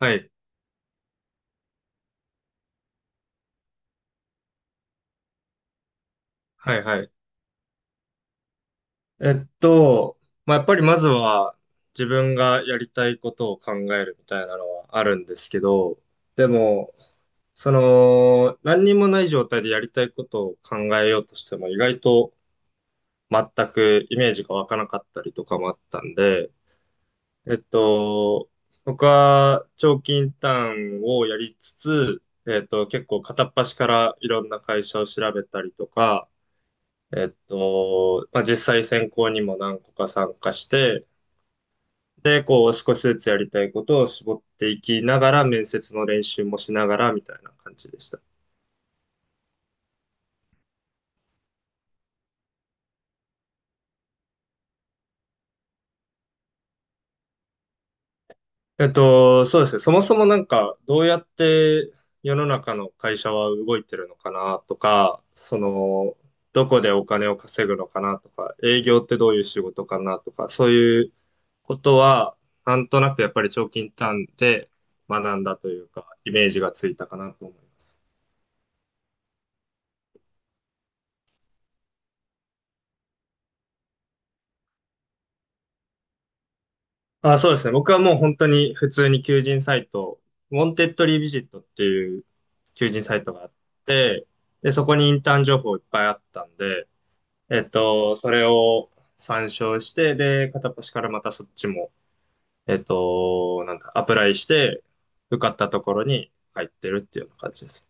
はい、はい、はい。えっと、まあ、やっぱりまずは自分がやりたいことを考えるみたいなのはあるんですけど、でも、何にもない状態でやりたいことを考えようとしても意外と全くイメージが湧かなかったりとかもあったんで、えっと、僕は長期インターンをやりつつ、結構片っ端からいろんな会社を調べたりとか、まあ、実際選考にも何個か参加して、で、こう少しずつやりたいことを絞っていきながら、面接の練習もしながらみたいな感じでした。そうですね。そもそもなんか、どうやって世の中の会社は動いてるのかなとか、どこでお金を稼ぐのかなとか、営業ってどういう仕事かなとか、そういうことは、なんとなくやっぱり長期インターンで学んだというか、イメージがついたかなと思います。あ、そうですね。僕はもう本当に普通に求人サイト、ウォンテッドリービジットっていう求人サイトがあって、で、そこにインターン情報いっぱいあったんで、それを参照して、で、片っ端からまたそっちも、なんだ、アプライして、受かったところに入ってるっていうような感じです。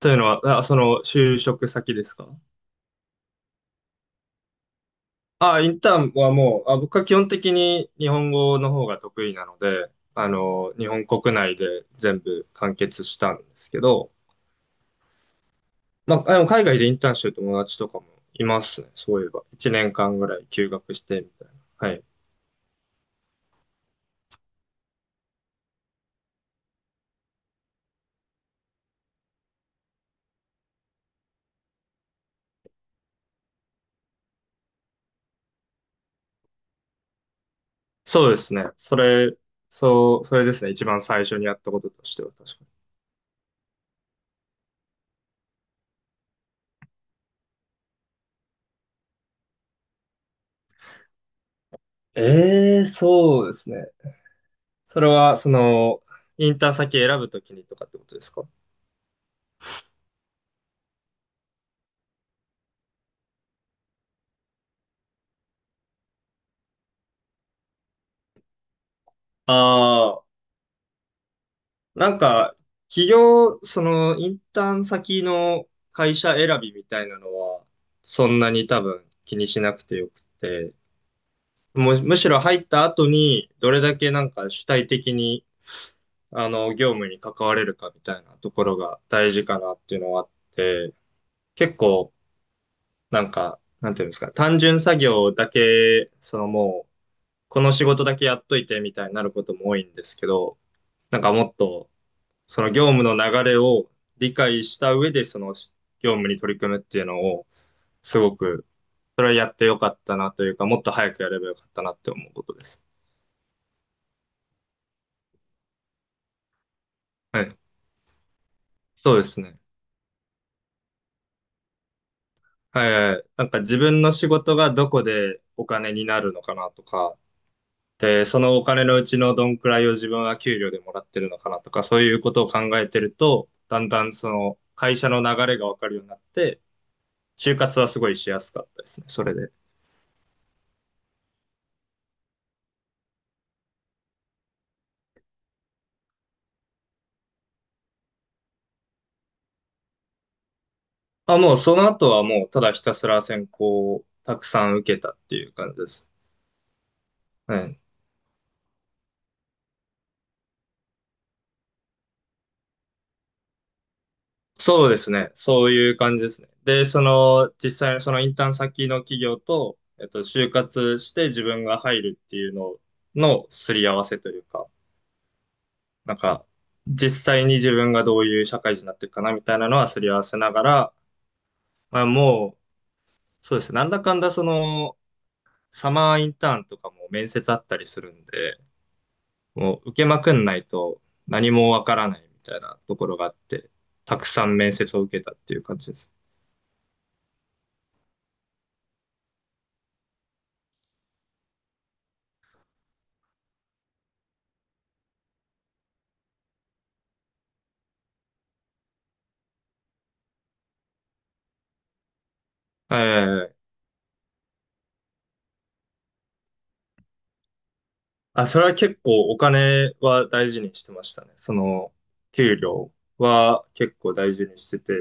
というのは、あ、その就職先ですか？あ、インターンはもう、あ、僕は基本的に日本語の方が得意なので、日本国内で全部完結したんですけど、まあ、でも海外でインターンしてる友達とかもいますね。そういえば。1年間ぐらい休学してみたいな。はい。そうですね。それですね。一番最初にやったこととしては確かに。ええ、そうですね。それは、インターン先選ぶときにとかってことですか？ああ、なんか、企業、その、インターン先の会社選びみたいなのは、そんなに多分気にしなくてよくて、むしろ入った後に、どれだけなんか主体的に、業務に関われるかみたいなところが大事かなっていうのはあって、結構、なんか、なんていうんですか、単純作業だけ、そのもう、この仕事だけやっといてみたいになることも多いんですけど、なんかもっと、その業務の流れを理解した上で、その業務に取り組むっていうのを、すごく、それはやってよかったなというか、もっと早くやればよかったなって思うことです。はい。そうですね。はいはい。なんか自分の仕事がどこでお金になるのかなとか、で、そのお金のうちのどんくらいを自分は給料でもらってるのかなとか、そういうことを考えてると、だんだんその会社の流れがわかるようになって、就活はすごいしやすかったですね、それで。あ、もうその後はもうただひたすら選考をたくさん受けたっていう感じです。はい。そうですね。そういう感じですね。で、実際のそのインターン先の企業と、就活して自分が入るっていうののすり合わせというか、なんか、実際に自分がどういう社会人になっていくかなみたいなのはすり合わせながら、まあもう、そうですね。なんだかんだその、サマーインターンとかも面接あったりするんで、もう受けまくんないと何もわからないみたいなところがあって、たくさん面接を受けたっていう感じです。はいはいはい。あ、それは結構お金は大事にしてましたね。給料は結構大事にしてて。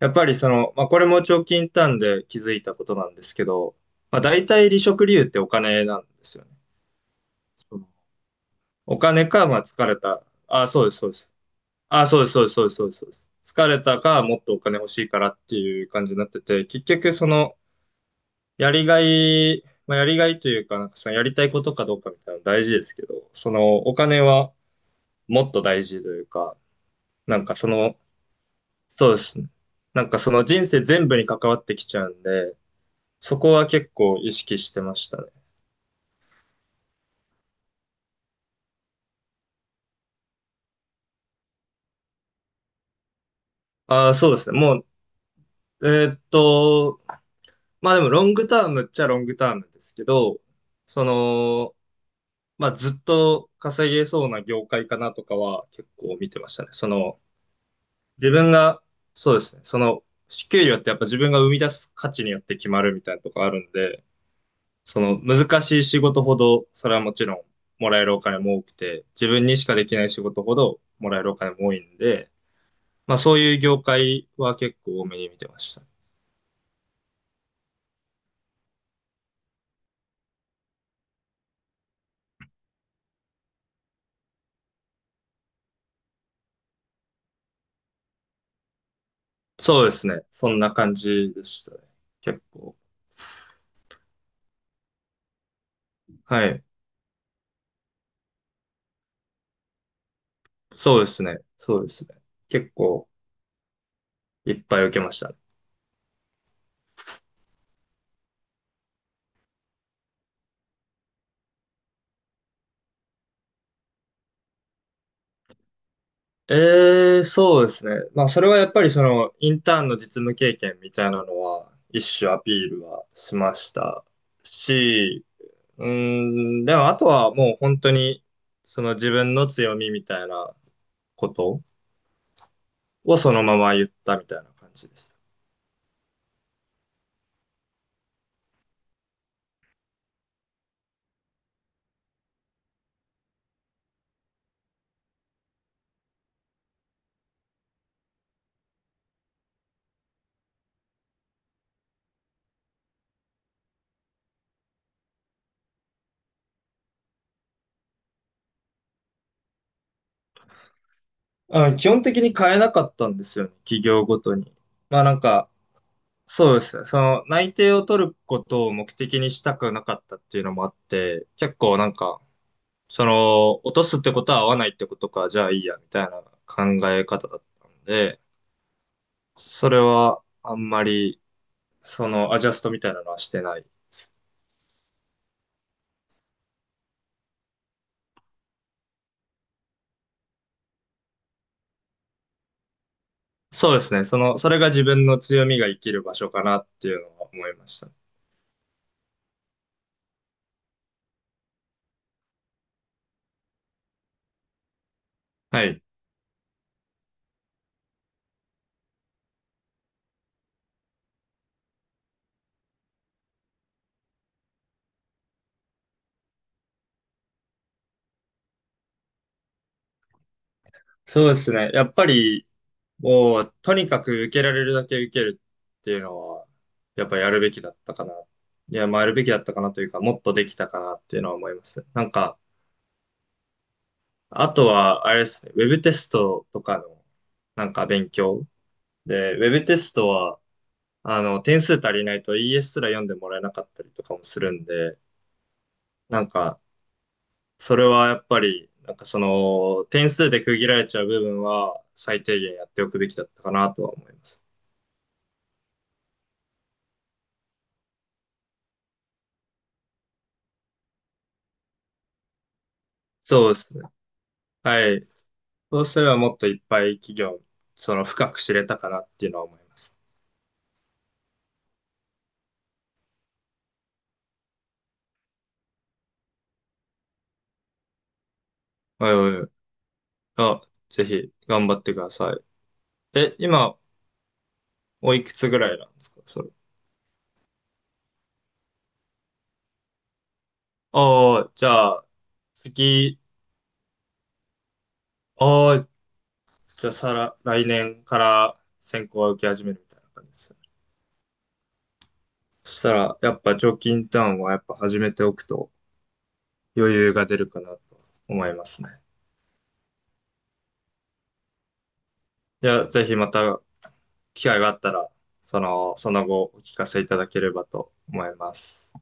やっぱりまあ、これも長期インターンで気づいたことなんですけど、まあ、大体離職理由ってお金なんですよね。そのお金か、まあ、疲れた。あ、そうです、そうです。あ、そうです、そうです、そうです、そうです。そうです疲れたか、もっとお金欲しいからっていう感じになってて、結局やりがい、まあ、やりがいというか、なんかそのやりたいことかどうかみたいなの大事ですけど、そのお金はもっと大事というか、なんかそうですね。なんかその人生全部に関わってきちゃうんで、そこは結構意識してましたね。ああ、そうですね。もう、まあでもロングタームっちゃロングタームですけど、その、まあ、ずっと稼げそうな業界かなとかは結構見てましたね。自分が、そうですね、給料ってやっぱ自分が生み出す価値によって決まるみたいなとこあるんで、その難しい仕事ほど、それはもちろんもらえるお金も多くて、自分にしかできない仕事ほどもらえるお金も多いんで、まあそういう業界は結構多めに見てました。そうですね。そんな感じでしたね。結構。はい。そうですね。そうですね。結構いっぱい受けましたね。ええ、そうですね。まあ、それはやっぱりインターンの実務経験みたいなのは、一種アピールはしましたし、うーでもあとはもう本当に、その自分の強みみたいなことをそのまま言ったみたいな感じです。あ、基本的に変えなかったんですよね、企業ごとに。まあなんか、そうですね。その内定を取ることを目的にしたくなかったっていうのもあって、結構なんか、落とすってことは合わないってことか、じゃあいいや、みたいな考え方だったんで、それはあんまり、アジャストみたいなのはしてない。そうですね。それが自分の強みが生きる場所かなっていうのは思いました。はい。そうですね。やっぱり、もう、とにかく受けられるだけ受けるっていうのは、やっぱやるべきだったかな。いや、まあやるべきだったかなというか、もっとできたかなっていうのは思います。なんか、あとは、あれですね、ウェブテストとかの、なんか勉強。で、ウェブテストは、点数足りないと ES すら読んでもらえなかったりとかもするんで、なんか、それはやっぱり、なんか点数で区切られちゃう部分は、最低限やっておくべきだったかなとは思います。そうですね。はい。そうすればもっといっぱい企業、深く知れたかなっていうのは思います。はいはいはい。あ、ぜひ、頑張ってください。え、今、おいくつぐらいなんですかそれ？ああ、じゃあ、次、ああ、じゃあ、さら、来年から選考は受け始めるみたいな感じですね。そしたら、やっぱ、常勤ターンはやっぱ始めておくと余裕が出るかなと思いますね。いや、ぜひまた機会があったら、その後お聞かせいただければと思います。